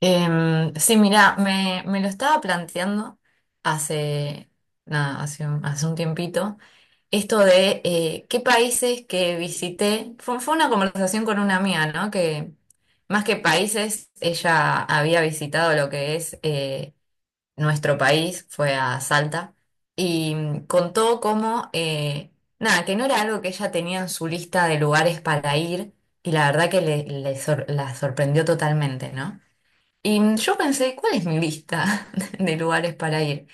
Sí, mira, me lo estaba planteando hace, nada, hace un tiempito. Esto de qué países que visité, fue una conversación con una amiga, ¿no? Que más que países, ella había visitado lo que es nuestro país, fue a Salta, y contó cómo, nada, que no era algo que ella tenía en su lista de lugares para ir, y la verdad que le sor- la sorprendió totalmente, ¿no? Y yo pensé, ¿cuál es mi lista de lugares para ir?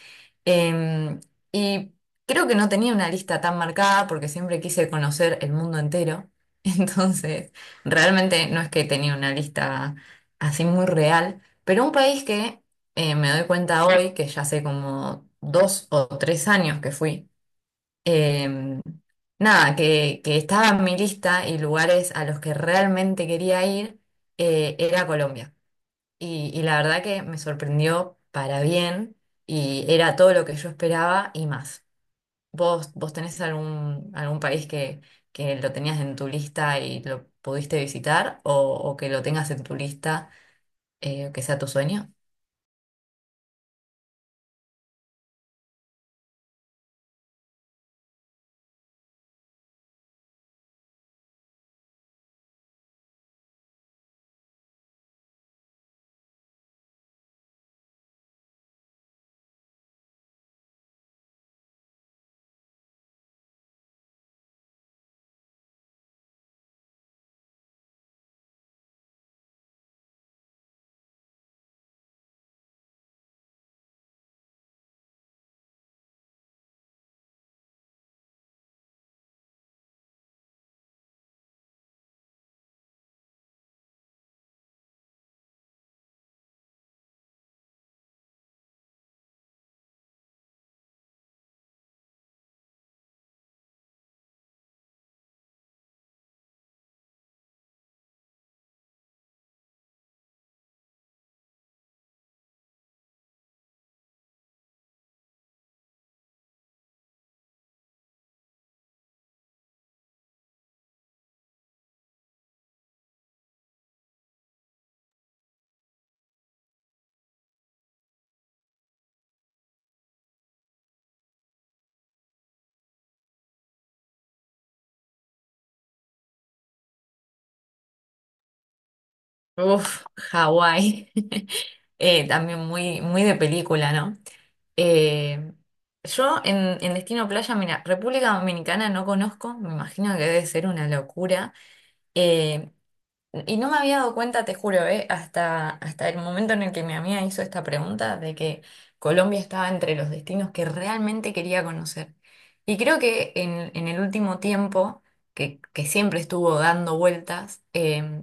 Em, y creo que no tenía una lista tan marcada porque siempre quise conocer el mundo entero. Entonces, realmente no es que tenía una lista así muy real, pero un país que me doy cuenta hoy, que ya hace como dos o tres años que fui, em, nada, que estaba en mi lista y lugares a los que realmente quería ir, era Colombia. Y la verdad que me sorprendió para bien y era todo lo que yo esperaba y más. Vos tenés algún país que lo tenías en tu lista y lo pudiste visitar o que lo tengas en tu lista que sea tu sueño? Uf, Hawái. También muy de película, ¿no? Eh, yo en Destino Playa, mira, República Dominicana no conozco, me imagino que debe ser una locura. Eh, Y no me había dado cuenta, te juro, hasta el momento en el que mi amiga hizo esta pregunta de que Colombia estaba entre los destinos que realmente quería conocer. Y creo que en el último tiempo, que siempre estuvo dando vueltas,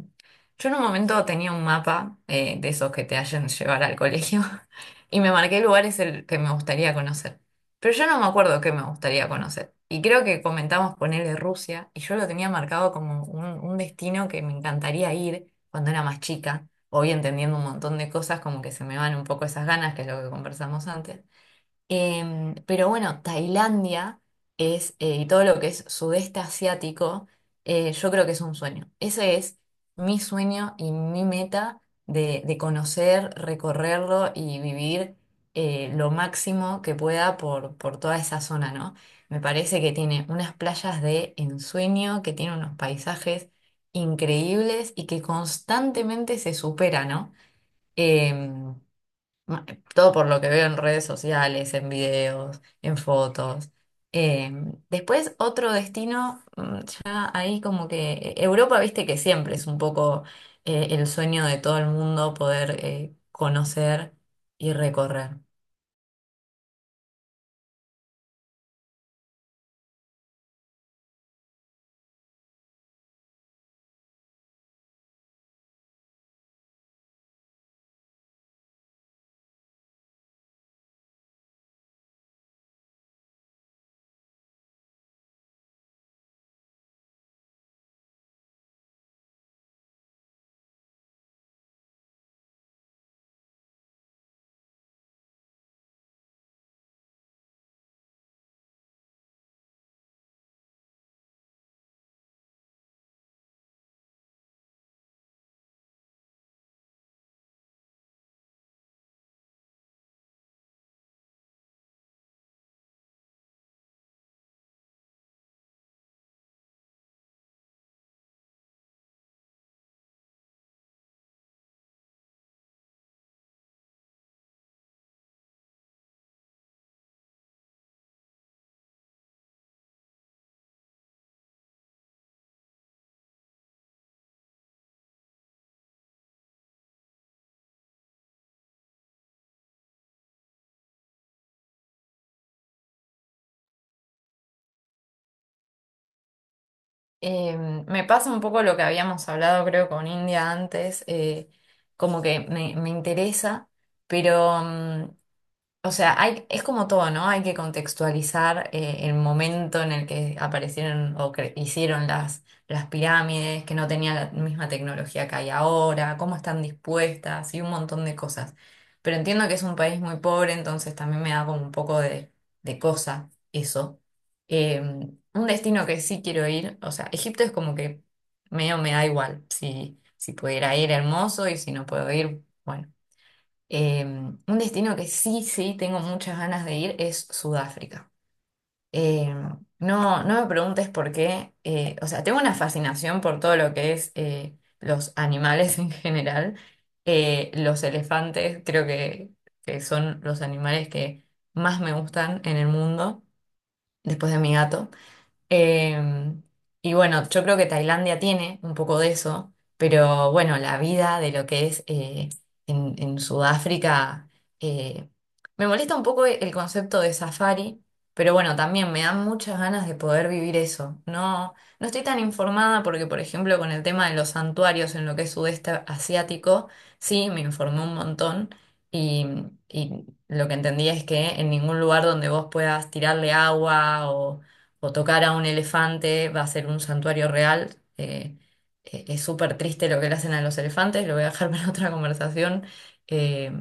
yo en un momento tenía un mapa de esos que te hacen llevar al colegio y me marqué lugares el que me gustaría conocer. Pero yo no me acuerdo qué me gustaría conocer. Y creo que comentamos ponerle Rusia, y yo lo tenía marcado como un destino que me encantaría ir cuando era más chica. Hoy entendiendo un montón de cosas, como que se me van un poco esas ganas, que es lo que conversamos antes. Pero bueno, Tailandia es, y todo lo que es sudeste asiático, yo creo que es un sueño. Ese es mi sueño y mi meta de conocer, recorrerlo y vivir lo máximo que pueda por toda esa zona, ¿no? Me parece que tiene unas playas de ensueño, que tiene unos paisajes increíbles y que constantemente se supera, ¿no? Em, Ma- Todo por lo que veo en redes sociales, en videos, en fotos. Eh, después otro destino, ya ahí como que Europa, viste que siempre es un poco el sueño de todo el mundo poder conocer y recorrer. Eh, me pasa un poco lo que habíamos hablado creo con India antes, como que me interesa, pero... o sea, hay, es como todo, ¿no? Hay que contextualizar el momento en el que aparecieron o cre- hicieron las pirámides, que no tenían la misma tecnología que hay ahora, cómo están dispuestas y un montón de cosas. Pero entiendo que es un país muy pobre, entonces también me da como un poco de cosa eso. Un destino que sí quiero ir, o sea, Egipto es como que medio me da igual. Si, si pudiera ir, hermoso, y si no puedo ir, bueno. Un destino que sí, sí, tengo muchas ganas de ir es Sudáfrica. Eh, no, no me preguntes por qué. O sea, tengo una fascinación por todo lo que es los animales en general. Los elefantes creo que son los animales que más me gustan en el mundo, después de mi gato. Eh, y bueno, yo creo que Tailandia tiene un poco de eso, pero bueno, la vida de lo que es en Sudáfrica, eh, me molesta un poco el concepto de safari, pero bueno, también me dan muchas ganas de poder vivir eso. No, no estoy tan informada porque, por ejemplo, con el tema de los santuarios en lo que es sudeste asiático, sí, me informé un montón y, y lo que entendí es que en ningún lugar donde vos puedas tirarle agua o tocar a un elefante va a ser un santuario real. Es súper triste lo que le hacen a los elefantes, lo voy a dejar para otra conversación. eh,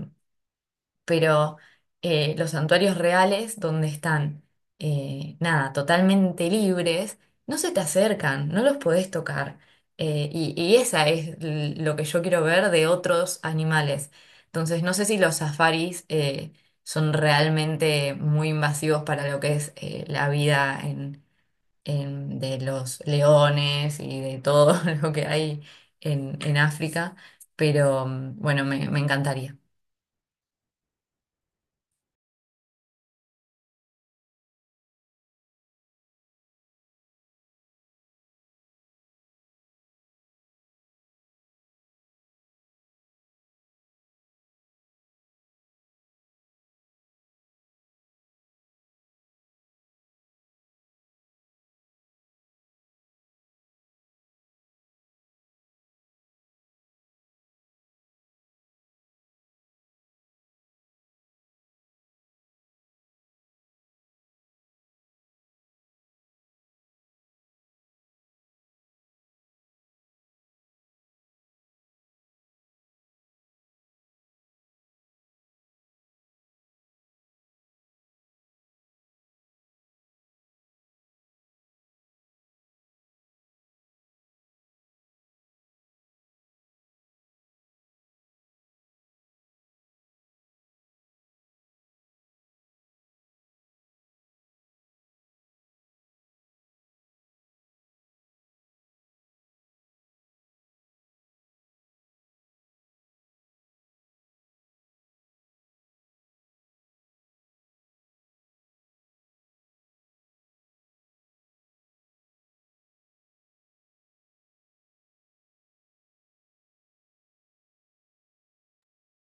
pero los santuarios reales, donde están, nada, totalmente libres, no se te acercan, no los podés tocar. Y esa es l- lo que yo quiero ver de otros animales. Entonces, no sé si los safaris son realmente muy invasivos para lo que es la vida de los leones y de todo lo que hay en África, pero bueno, me encantaría.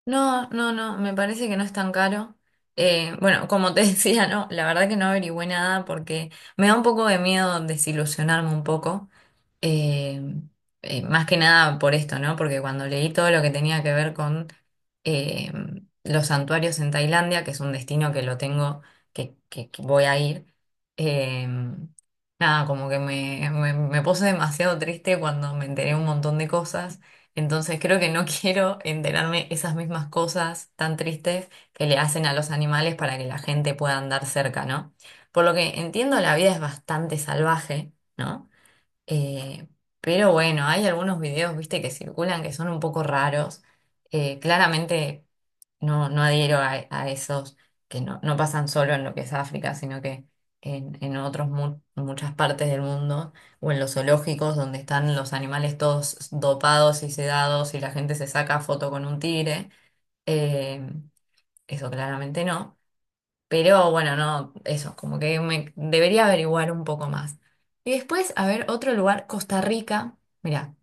No, no, no, me parece que no es tan caro. Bueno, como te decía, no, la verdad que no averigüé nada porque me da un poco de miedo desilusionarme un poco. Eh, más que nada por esto, ¿no? Porque cuando leí todo lo que tenía que ver con eh, los santuarios en Tailandia, que es un destino que lo tengo, que voy a ir, eh, nada, como que me puse demasiado triste cuando me enteré un montón de cosas. Entonces creo que no quiero enterarme esas mismas cosas tan tristes que le hacen a los animales para que la gente pueda andar cerca, ¿no? Por lo que entiendo, la vida es bastante salvaje, ¿no? Eh, pero bueno, hay algunos videos, viste, que circulan que son un poco raros. Claramente no, no adhiero a esos que no, no pasan solo en lo que es África, sino que en otros mu- muchas partes del mundo, o en los zoológicos donde están los animales todos dopados y sedados y la gente se saca foto con un tigre. Eh, eso claramente no. Pero bueno, no, eso, como que me debería averiguar un poco más. Y después, a ver, otro lugar, Costa Rica. Mirá,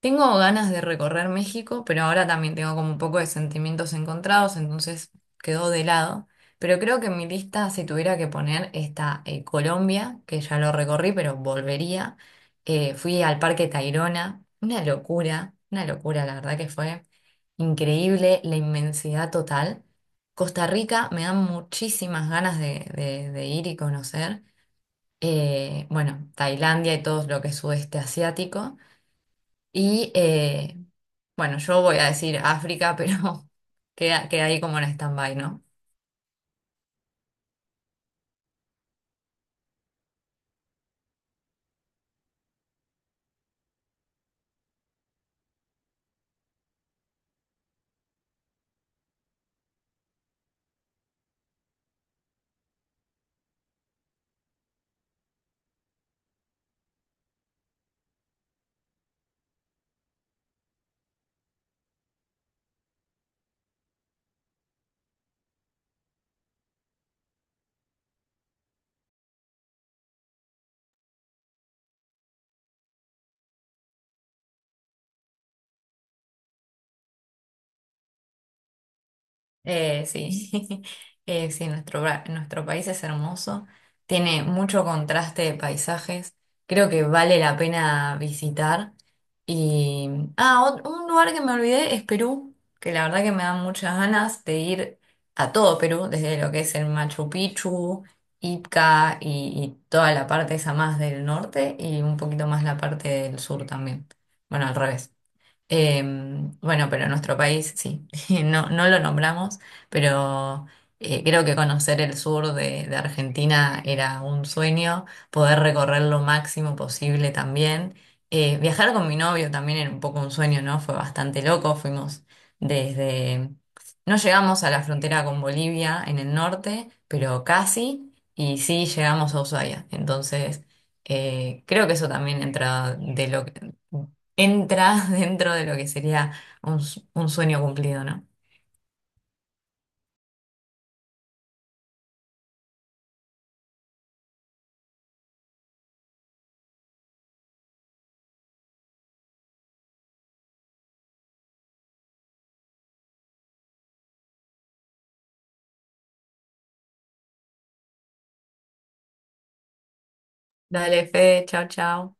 tengo ganas de recorrer México, pero ahora también tengo como un poco de sentimientos encontrados, entonces quedó de lado. Pero creo que en mi lista, si tuviera que poner, está Colombia, que ya lo recorrí, pero volvería. Fui al Parque Tayrona, una locura, la verdad que fue increíble la inmensidad total. Costa Rica me dan muchísimas ganas de ir y conocer. Bueno, Tailandia y todo lo que es sudeste asiático. Y bueno, yo voy a decir África, pero queda, queda ahí como en stand-by, ¿no? Sí, sí, nuestro, bra- nuestro país es hermoso, tiene mucho contraste de paisajes, creo que vale la pena visitar. Y, ah, ot- un lugar que me olvidé es Perú, que la verdad que me dan muchas ganas de ir a todo Perú, desde lo que es el Machu Picchu, Ica y toda la parte esa más del norte y un poquito más la parte del sur también. Bueno, al revés. Eh, bueno, pero en nuestro país sí, no, no lo nombramos, pero creo que conocer el sur de Argentina era un sueño, poder recorrer lo máximo posible también. Viajar con mi novio también era un poco un sueño, ¿no? Fue bastante loco, fuimos desde... No llegamos a la frontera con Bolivia en el norte, pero casi, y sí llegamos a Ushuaia. Entonces, creo que eso también entra dentro de lo que sería un, s- un sueño cumplido, ¿no? Dale, Fede, chao, chao.